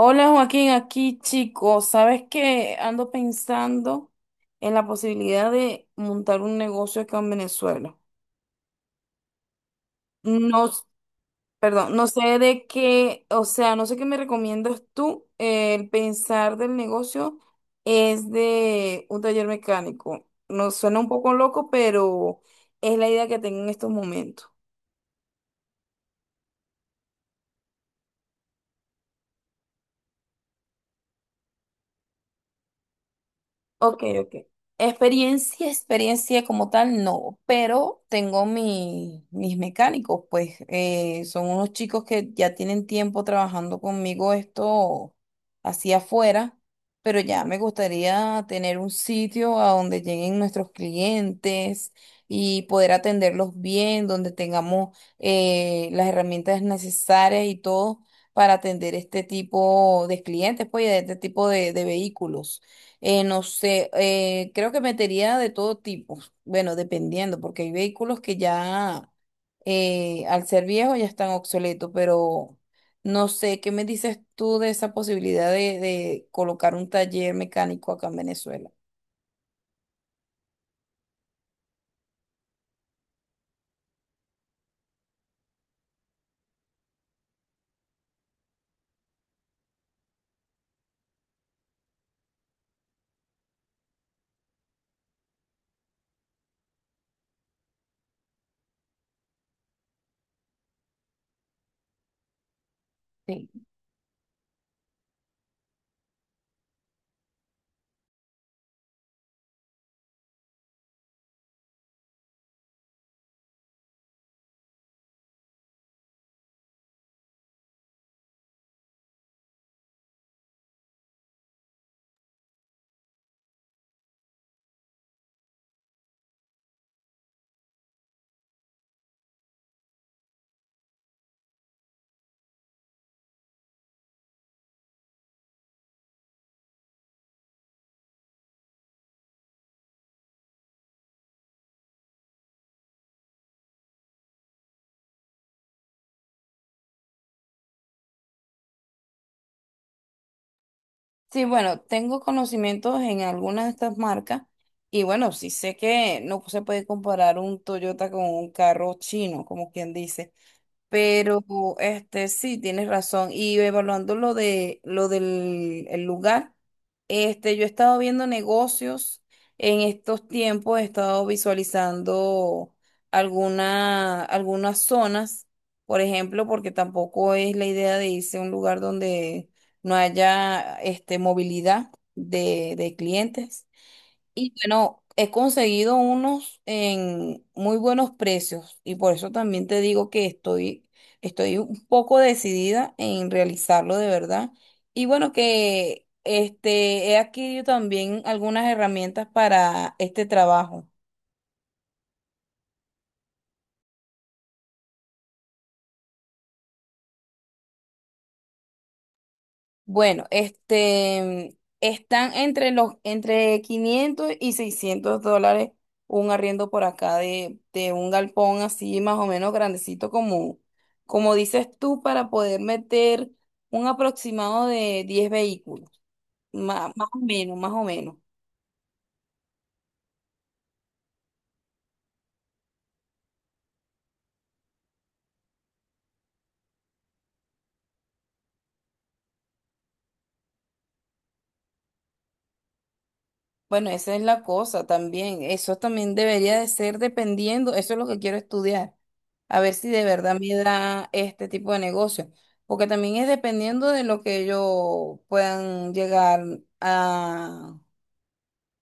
Hola Joaquín, aquí chico, sabes que ando pensando en la posibilidad de montar un negocio acá en Venezuela. No, s- perdón, no sé de qué, o sea, no sé qué me recomiendas tú. El pensar del negocio es de un taller mecánico. No suena un poco loco, pero es la idea que tengo en estos momentos. Ok, ok. Experiencia, experiencia como tal, no, pero tengo mis mecánicos, pues son unos chicos que ya tienen tiempo trabajando conmigo esto hacia afuera, pero ya me gustaría tener un sitio a donde lleguen nuestros clientes y poder atenderlos bien, donde tengamos las herramientas necesarias y todo para atender este tipo de clientes, pues y de este tipo de vehículos. No sé, creo que metería de todo tipo, bueno, dependiendo, porque hay vehículos que ya al ser viejos ya están obsoletos, pero no sé, ¿qué me dices tú de esa posibilidad de colocar un taller mecánico acá en Venezuela? Sí. Sí, bueno, tengo conocimientos en algunas de estas marcas y bueno, sí sé que no se puede comparar un Toyota con un carro chino, como quien dice. Pero este sí, tienes razón. Y evaluando lo de lo del el lugar, este, yo he estado viendo negocios en estos tiempos, he estado visualizando algunas zonas, por ejemplo, porque tampoco es la idea de irse a un lugar donde no haya este movilidad de clientes. Y bueno, he conseguido unos en muy buenos precios y por eso también te digo que estoy un poco decidida en realizarlo de verdad. Y bueno, que este, he adquirido también algunas herramientas para este trabajo. Bueno, este, están entre 500 y $600 un arriendo por acá de un galpón así más o menos grandecito como, como dices tú, para poder meter un aproximado de 10 vehículos, más o menos, más o menos. Bueno, esa es la cosa también. Eso también debería de ser dependiendo. Eso es lo que quiero estudiar. A ver si de verdad me da este tipo de negocio. Porque también es dependiendo de lo que ellos puedan llegar a,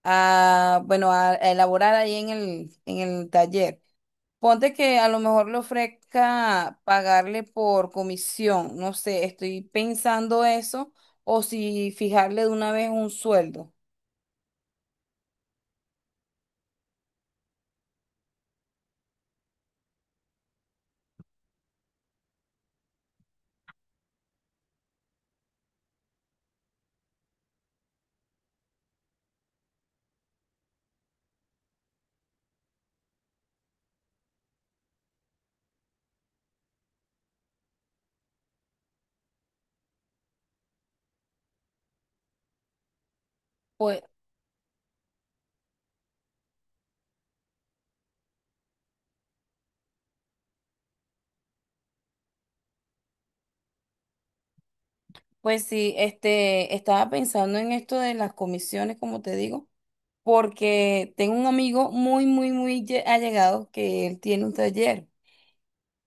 a bueno, a elaborar ahí en en el taller. Ponte que a lo mejor le ofrezca pagarle por comisión. No sé, estoy pensando eso. O si fijarle de una vez un sueldo. Pues sí, este, estaba pensando en esto de las comisiones, como te digo, porque tengo un amigo muy, muy, muy allegado que él tiene un taller.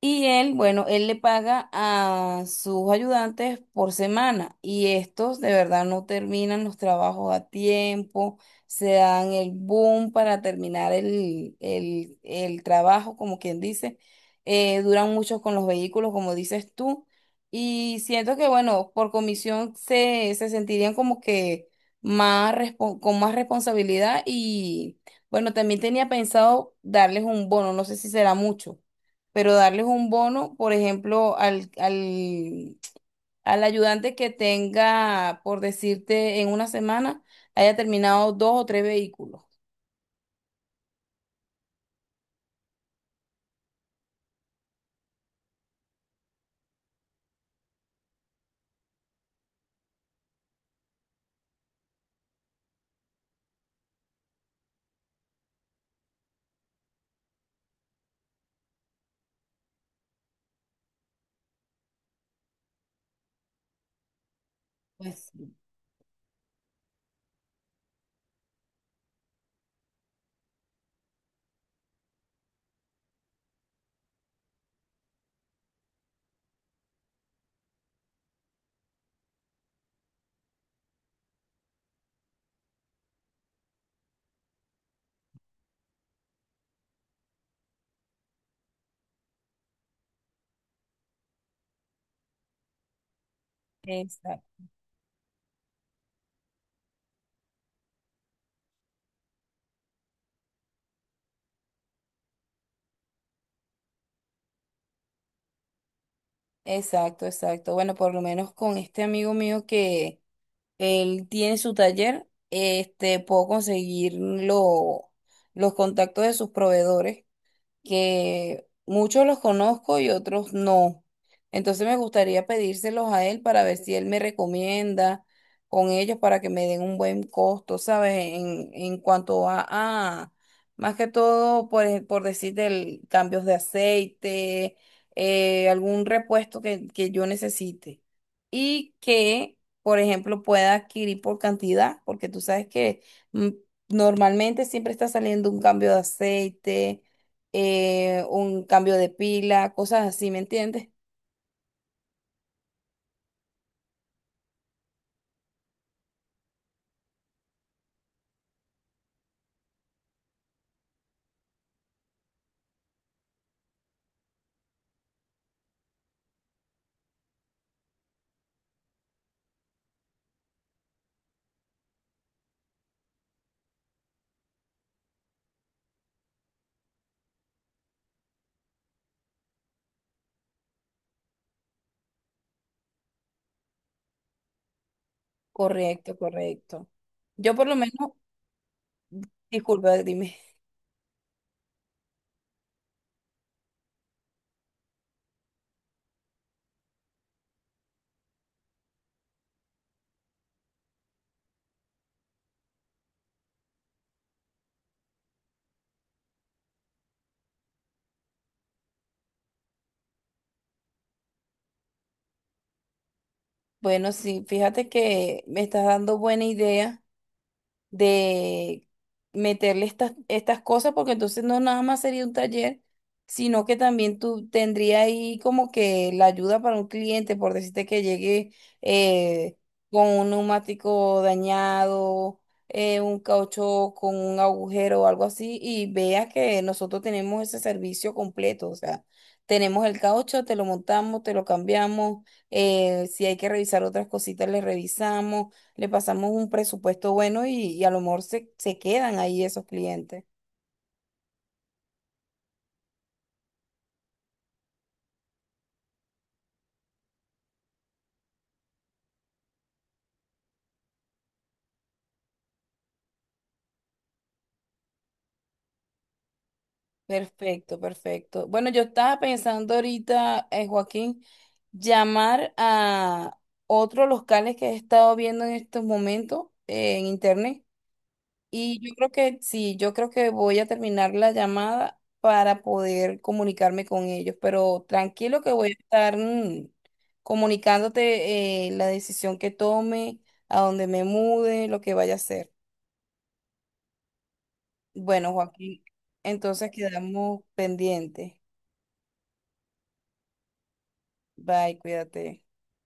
Y él, bueno, él le paga a sus ayudantes por semana y estos de verdad no terminan los trabajos a tiempo, se dan el boom para terminar el trabajo, como quien dice, duran mucho con los vehículos, como dices tú, y siento que, bueno, por comisión se sentirían como que más con más responsabilidad y, bueno, también tenía pensado darles un bono, no sé si será mucho pero darles un bono, por ejemplo, al ayudante que tenga, por decirte, en una semana, haya terminado dos o tres vehículos. Pues sí. Exacto. Exacto, exacto. Bueno, por lo menos con este amigo mío que él tiene su taller, este, puedo conseguir los contactos de sus proveedores, que muchos los conozco y otros no. Entonces me gustaría pedírselos a él para ver si él me recomienda con ellos para que me den un buen costo, ¿sabes? En cuanto más que todo, por decirte, cambios de aceite, algún repuesto que yo necesite. Y que, por ejemplo, pueda adquirir por cantidad, porque tú sabes que mm, normalmente siempre está saliendo un cambio de aceite, un cambio de pila, cosas así, ¿me entiendes? Correcto, correcto. Yo por lo menos, disculpa, dime. Bueno, sí, fíjate que me estás dando buena idea de meterle estas cosas, porque entonces no nada más sería un taller, sino que también tú tendría ahí como que la ayuda para un cliente, por decirte que llegue eh, con un neumático dañado, un caucho con un agujero o algo así, y veas que nosotros tenemos ese servicio completo, o sea. Tenemos el caucho, te lo montamos, te lo cambiamos. Eh, si hay que revisar otras cositas, le revisamos, le pasamos un presupuesto bueno y a lo mejor se quedan ahí esos clientes. Perfecto, perfecto. Bueno, yo estaba pensando ahorita, Joaquín, llamar a otros locales que he estado viendo en estos momentos en internet. Y yo creo que sí, yo creo que voy a terminar la llamada para poder comunicarme con ellos, pero tranquilo que voy a estar comunicándote la decisión que tome, a dónde me mude, lo que vaya a hacer. Bueno, Joaquín, entonces quedamos pendientes. Bye, cuídate.